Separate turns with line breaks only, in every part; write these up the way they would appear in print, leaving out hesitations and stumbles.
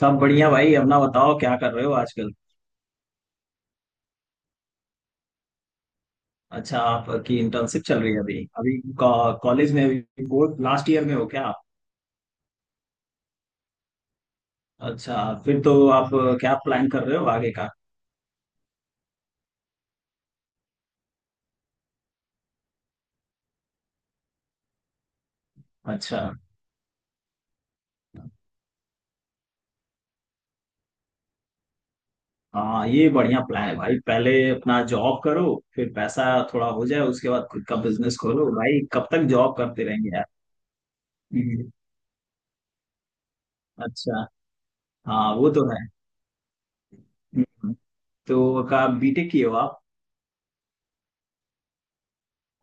सब बढ़िया भाई। अपना बताओ, क्या कर रहे हो आजकल? अच्छा, आपकी इंटर्नशिप चल रही है अभी। अभी कॉलेज में, अभी बोर्ड लास्ट ईयर में हो क्या आप? अच्छा, फिर तो आप क्या प्लान कर रहे हो आगे का? अच्छा। हाँ, ये बढ़िया प्लान है भाई। पहले अपना जॉब करो, फिर पैसा थोड़ा हो जाए उसके बाद खुद का बिजनेस खोलो भाई। कब तक जॉब करते रहेंगे यार। हम्म। अच्छा। हाँ वो तो है। हम्म। तो का बीटेक किए हो आप?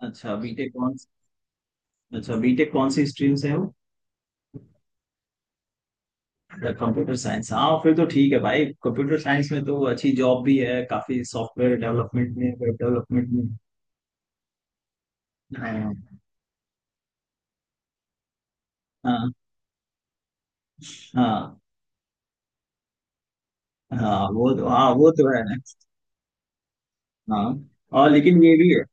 अच्छा बीटेक कौन अच्छा, बीटेक कौन सी स्ट्रीम से हो? Computer science? हाँ फिर तो ठीक है भाई, कंप्यूटर साइंस में तो अच्छी जॉब भी है काफी, सॉफ्टवेयर डेवलपमेंट में, वेब डेवलपमेंट में। हाँ। हाँ। हाँ। हाँ वो तो है। हाँ। और लेकिन ये भी है,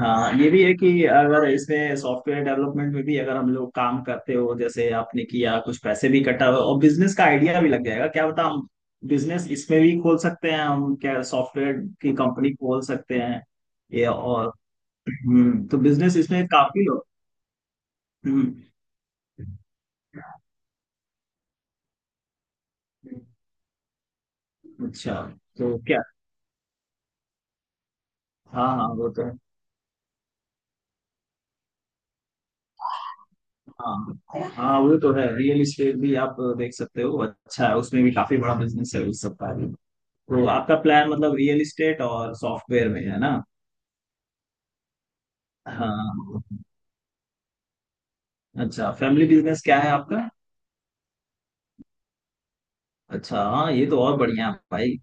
हाँ ये भी है कि अगर इसमें सॉफ्टवेयर डेवलपमेंट में भी अगर हम लोग काम करते हो जैसे आपने किया, कुछ पैसे भी कटा और बिजनेस का आइडिया भी लग जाएगा, क्या बता हम। बिजनेस इसमें भी खोल सकते हैं हम, क्या सॉफ्टवेयर की कंपनी खोल सकते हैं? ये और हम्म, तो बिजनेस इसमें काफी। हम्म। अच्छा, तो क्या। हाँ हाँ वो तो है। हाँ हाँ वो तो है, रियल इस्टेट भी आप देख सकते हो, अच्छा है, उसमें भी काफी बड़ा बिजनेस है उस सबका भी। तो आपका प्लान मतलब रियल इस्टेट और सॉफ्टवेयर में है ना? हाँ। अच्छा, फैमिली बिजनेस क्या है आपका? अच्छा, हाँ ये तो और बढ़िया है भाई।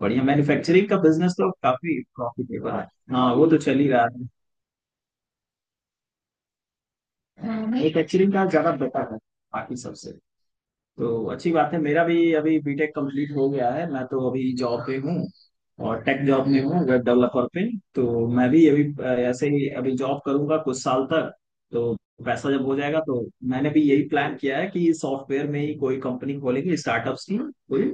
बढ़िया, मैन्युफैक्चरिंग का बिजनेस तो काफी प्रॉफिटेबल है। हाँ वो तो चल ही रहा है। मैन्युफैक्चरिंग का ज्यादा बेटर है बाकी सबसे। तो अच्छी बात है, मेरा भी अभी बीटेक कंप्लीट हो गया है, मैं तो अभी जॉब पे हूँ। और टेक जॉब में हूँ, वेब डेवलपर पे। तो मैं भी अभी ऐसे ही अभी जॉब करूंगा कुछ साल तक। तो पैसा जब हो जाएगा तो मैंने भी यही प्लान किया है कि सॉफ्टवेयर में ही कोई कंपनी खोलेंगे, स्टार्टअप्स की कोई।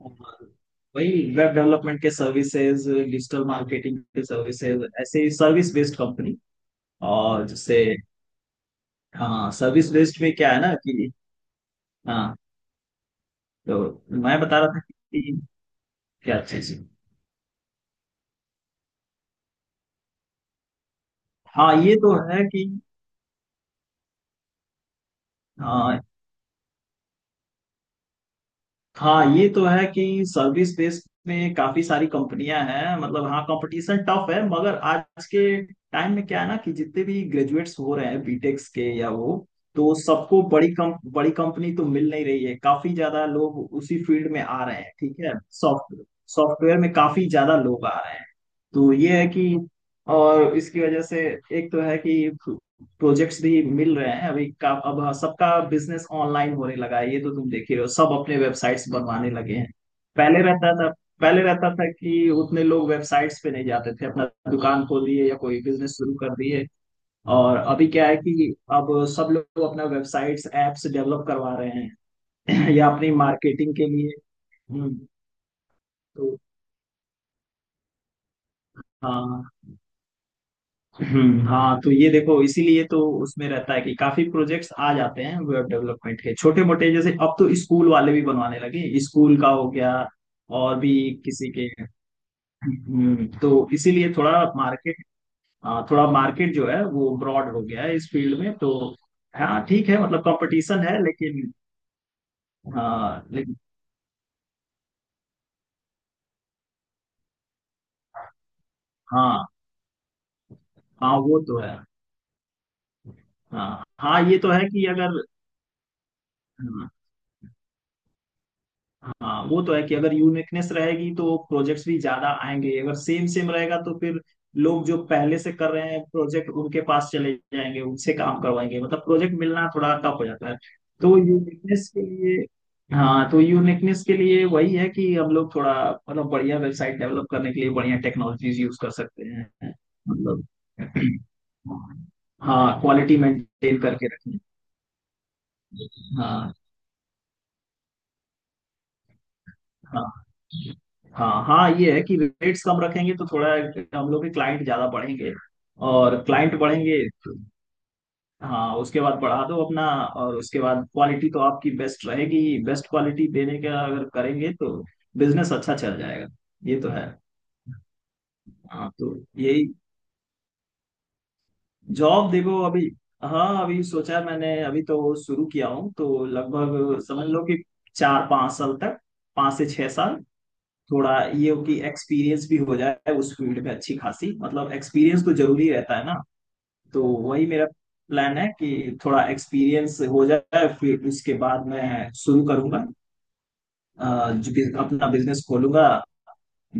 और वही, वेब डेवलपमेंट के सर्विसेज, डिजिटल मार्केटिंग के सर्विसेज, ऐसे ही सर्विस बेस्ड कंपनी। और जैसे, हाँ सर्विस बेस्ड में क्या है ना कि, हाँ तो मैं बता रहा था कि क्या चीज। हाँ ये तो है कि, हाँ हाँ ये तो है कि सर्विस बेस में काफी सारी कंपनियां हैं, मतलब हाँ कंपटीशन टफ है मगर आज के टाइम में क्या है ना कि जितने भी ग्रेजुएट्स हो रहे हैं बीटेक्स के या वो, तो सबको बड़ी कम, बड़ी कंपनी तो मिल नहीं रही है, काफी ज्यादा लोग उसी फील्ड में आ रहे हैं, ठीक है। सॉफ्टवेयर सॉफ्टवेयर में काफी ज्यादा लोग आ रहे हैं। तो ये है कि, और इसकी वजह से एक तो है कि प्रोजेक्ट्स भी मिल रहे हैं अभी का अब। हाँ, सबका बिजनेस ऑनलाइन होने लगा है, ये तो तुम देख ही रहे हो, सब अपने वेबसाइट्स बनवाने लगे हैं। पहले रहता था पहले रहता था कि उतने लोग वेबसाइट्स पे नहीं जाते थे, अपना दुकान खोल दिए या कोई बिजनेस शुरू कर दिए। और अभी क्या है कि अब सब लोग अपना वेबसाइट्स एप्स डेवलप करवा रहे हैं या अपनी मार्केटिंग के लिए। हम्म। तो, हाँ हाँ तो ये देखो इसीलिए तो उसमें रहता है कि काफी प्रोजेक्ट्स आ जाते हैं वेब डेवलपमेंट के, छोटे मोटे, जैसे अब तो स्कूल वाले भी बनवाने लगे, स्कूल का हो गया और भी किसी के। तो इसीलिए थोड़ा मार्केट, हाँ थोड़ा मार्केट जो है वो ब्रॉड हो गया है इस फील्ड में तो। हाँ ठीक है, मतलब कंपटीशन है लेकिन, हाँ लेकिन, हाँ। हाँ वो तो है। हाँ हाँ ये तो है कि अगर, हाँ, हाँ वो तो है कि अगर यूनिकनेस रहेगी तो प्रोजेक्ट्स भी ज्यादा आएंगे, अगर सेम सेम रहेगा तो फिर लोग जो पहले से कर रहे हैं प्रोजेक्ट उनके पास चले जाएंगे, उनसे काम करवाएंगे, मतलब प्रोजेक्ट मिलना थोड़ा टफ हो जाता है। तो यूनिकनेस के लिए, हाँ तो यूनिकनेस के लिए वही है कि हम लोग थोड़ा मतलब बढ़िया वेबसाइट डेवलप करने के लिए बढ़िया टेक्नोलॉजीज यूज कर सकते हैं। मतलब हाँ क्वालिटी मेंटेन करके रखें। हाँ। हाँ। हाँ हाँ ये है कि रेट्स कम रखेंगे तो थोड़ा हम लोग के क्लाइंट ज्यादा बढ़ेंगे। और क्लाइंट बढ़ेंगे तो- हाँ उसके बाद बढ़ा दो अपना, और उसके बाद क्वालिटी तो आपकी बेस्ट रहेगी। बेस्ट क्वालिटी देने का अगर करेंगे तो बिजनेस अच्छा चल जाएगा। ये तो है। हाँ तो यही, जॉब देखो अभी। हाँ अभी सोचा है मैंने, अभी तो शुरू किया हूँ तो लगभग समझ लो कि 4 5 साल तक, 5 से 6 साल। थोड़ा ये हो कि एक्सपीरियंस भी हो जाए उस फील्ड में अच्छी खासी, मतलब एक्सपीरियंस तो जरूरी रहता है ना। तो वही मेरा प्लान है कि थोड़ा एक्सपीरियंस हो जाए, फिर उसके बाद मैं शुरू करूंगा जो अपना बिजनेस खोलूंगा।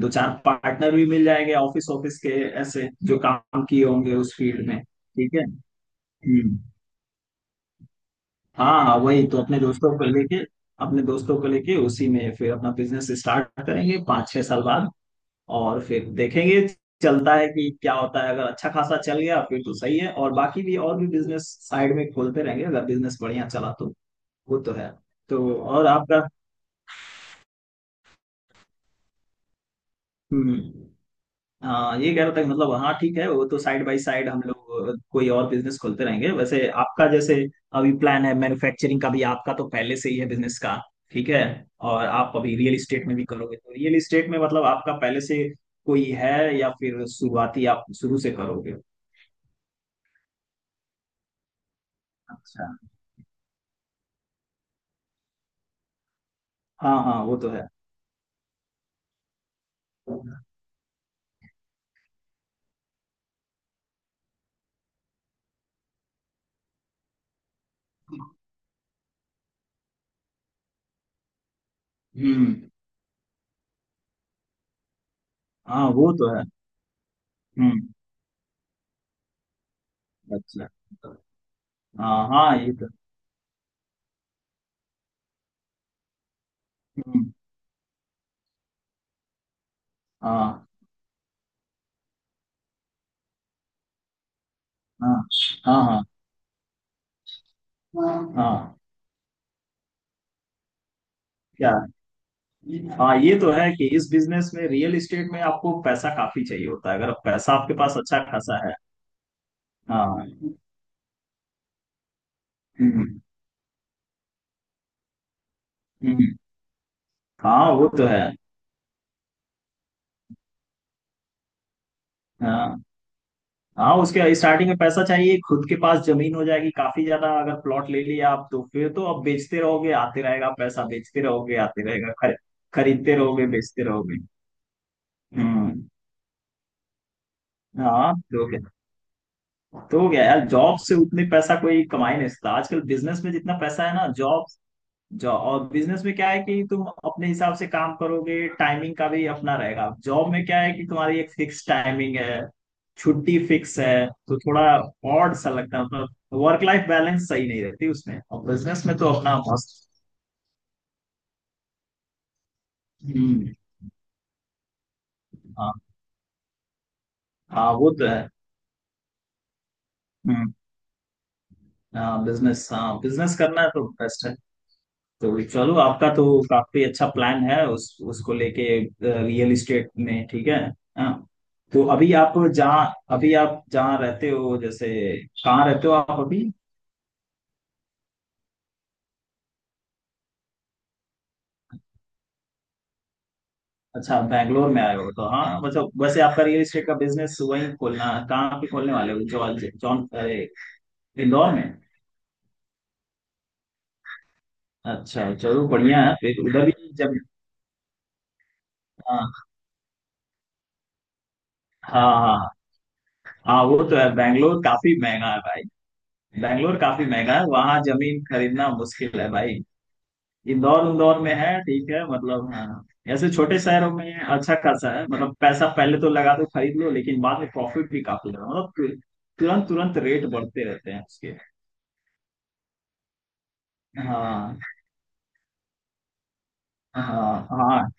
2 4 पार्टनर भी मिल जाएंगे, ऑफिस ऑफिस के ऐसे जो काम किए होंगे उस फील्ड में, ठीक है। हम्म। हाँ हाँ वही तो अपने दोस्तों को लेके, अपने दोस्तों को लेके उसी में फिर अपना बिजनेस स्टार्ट करेंगे 5 6 साल बाद। और फिर देखेंगे चलता है कि क्या होता है, अगर अच्छा खासा चल गया फिर तो सही है, और बाकी भी, और भी बिजनेस साइड में खोलते रहेंगे अगर बिजनेस बढ़िया चला तो। वो तो है। तो और आपका, हम्म, हाँ ये कह रहा था कि मतलब हाँ ठीक है, वो तो साइड बाय साइड हम लोग कोई और बिजनेस खोलते रहेंगे। वैसे आपका जैसे अभी प्लान है मैन्युफैक्चरिंग का भी, आपका तो पहले से ही है बिजनेस का, ठीक है। और आप अभी रियल इस्टेट में भी करोगे, तो रियल इस्टेट में मतलब आपका पहले से कोई है या फिर शुरुआती आप शुरू से करोगे? अच्छा। हाँ हाँ वो तो है। हम्म। हाँ वो तो है। हम्म। अच्छा। हाँ हाँ ये तो। हम्म। हाँ हाँ हाँ हाँ। हाँ क्या, हाँ ये तो है कि इस बिजनेस में रियल एस्टेट में आपको पैसा काफी चाहिए होता है, अगर पैसा आपके पास अच्छा खासा है। हाँ। हम्म। हम्म, हाँ वो तो है। हाँ हाँ उसके, स्टार्टिंग में पैसा चाहिए खुद के पास, जमीन हो जाएगी काफी ज्यादा, अगर प्लॉट ले लिया आप तो फिर तो आप बेचते रहोगे, आते रहेगा पैसा, बेचते रहोगे आते रहेगा, खरीदते रहोगे बेचते रहोगे। हम्म। हाँ तो हो गया। तो हो गया यार, जॉब से उतने पैसा कोई कमा ही नहीं सकता आजकल, बिजनेस में जितना पैसा है ना। जॉब, जॉब और बिजनेस में क्या है कि तुम अपने हिसाब से काम करोगे, टाइमिंग का भी अपना रहेगा। जॉब में क्या है कि तुम्हारी एक फिक्स टाइमिंग है, छुट्टी फिक्स है, तो थोड़ा ऑड सा लगता है, मतलब वर्क लाइफ बैलेंस सही नहीं रहती उसमें, और बिजनेस में तो अपना मस्त। हम्म। हाँ हाँ वो तो है। हम्म। हाँ बिजनेस, हाँ बिजनेस करना है तो बेस्ट है। तो चलो आपका तो काफी अच्छा प्लान है उस उसको लेके, रियल इस्टेट में, ठीक है। हाँ। तो अभी आप जहाँ रहते हो जैसे, कहाँ रहते हो आप अभी? अच्छा बैंगलोर में आए हो तो, हाँ मतलब वैसे आपका रियल इस्टेट का बिजनेस वहीं खोलना, कहाँ पे खोलने वाले हो? जॉन जॉन अरे, इंदौर में? अच्छा चलो बढ़िया है, फिर उधर भी जब, हाँ हाँ हाँ हाँ वो तो है, बैंगलोर काफी महंगा है भाई। बैंगलोर काफी महंगा है, वहाँ जमीन खरीदना मुश्किल है भाई। इंदौर, इंदौर में है ठीक है, मतलब हाँ, ऐसे छोटे शहरों में अच्छा खासा है, मतलब पैसा पहले तो लगा दो खरीद लो लेकिन बाद में प्रॉफिट भी काफी है, मतलब तुरंत तुरंत रेट बढ़ते रहते हैं उसके। हाँ। हाँ हाँ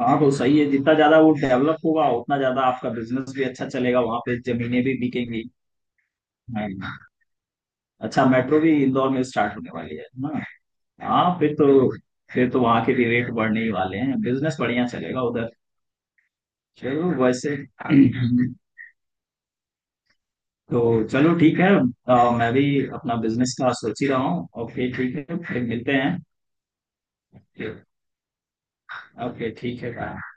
हाँ तो सही है, जितना ज्यादा वो डेवलप होगा उतना ज्यादा आपका बिजनेस भी अच्छा चलेगा, वहां पे जमीनें भी बिकेंगी। हाँ। अच्छा, मेट्रो भी इंदौर में स्टार्ट होने वाली है ना? हाँ फिर तो, फिर तो वहां के भी रेट बढ़ने ही वाले हैं, बिजनेस बढ़िया चलेगा उधर। चलो वैसे तो चलो ठीक है, मैं भी अपना बिजनेस का सोच ही रहा हूँ। ओके ठीक है फिर मिलते हैं। ओके ठीक है बाय।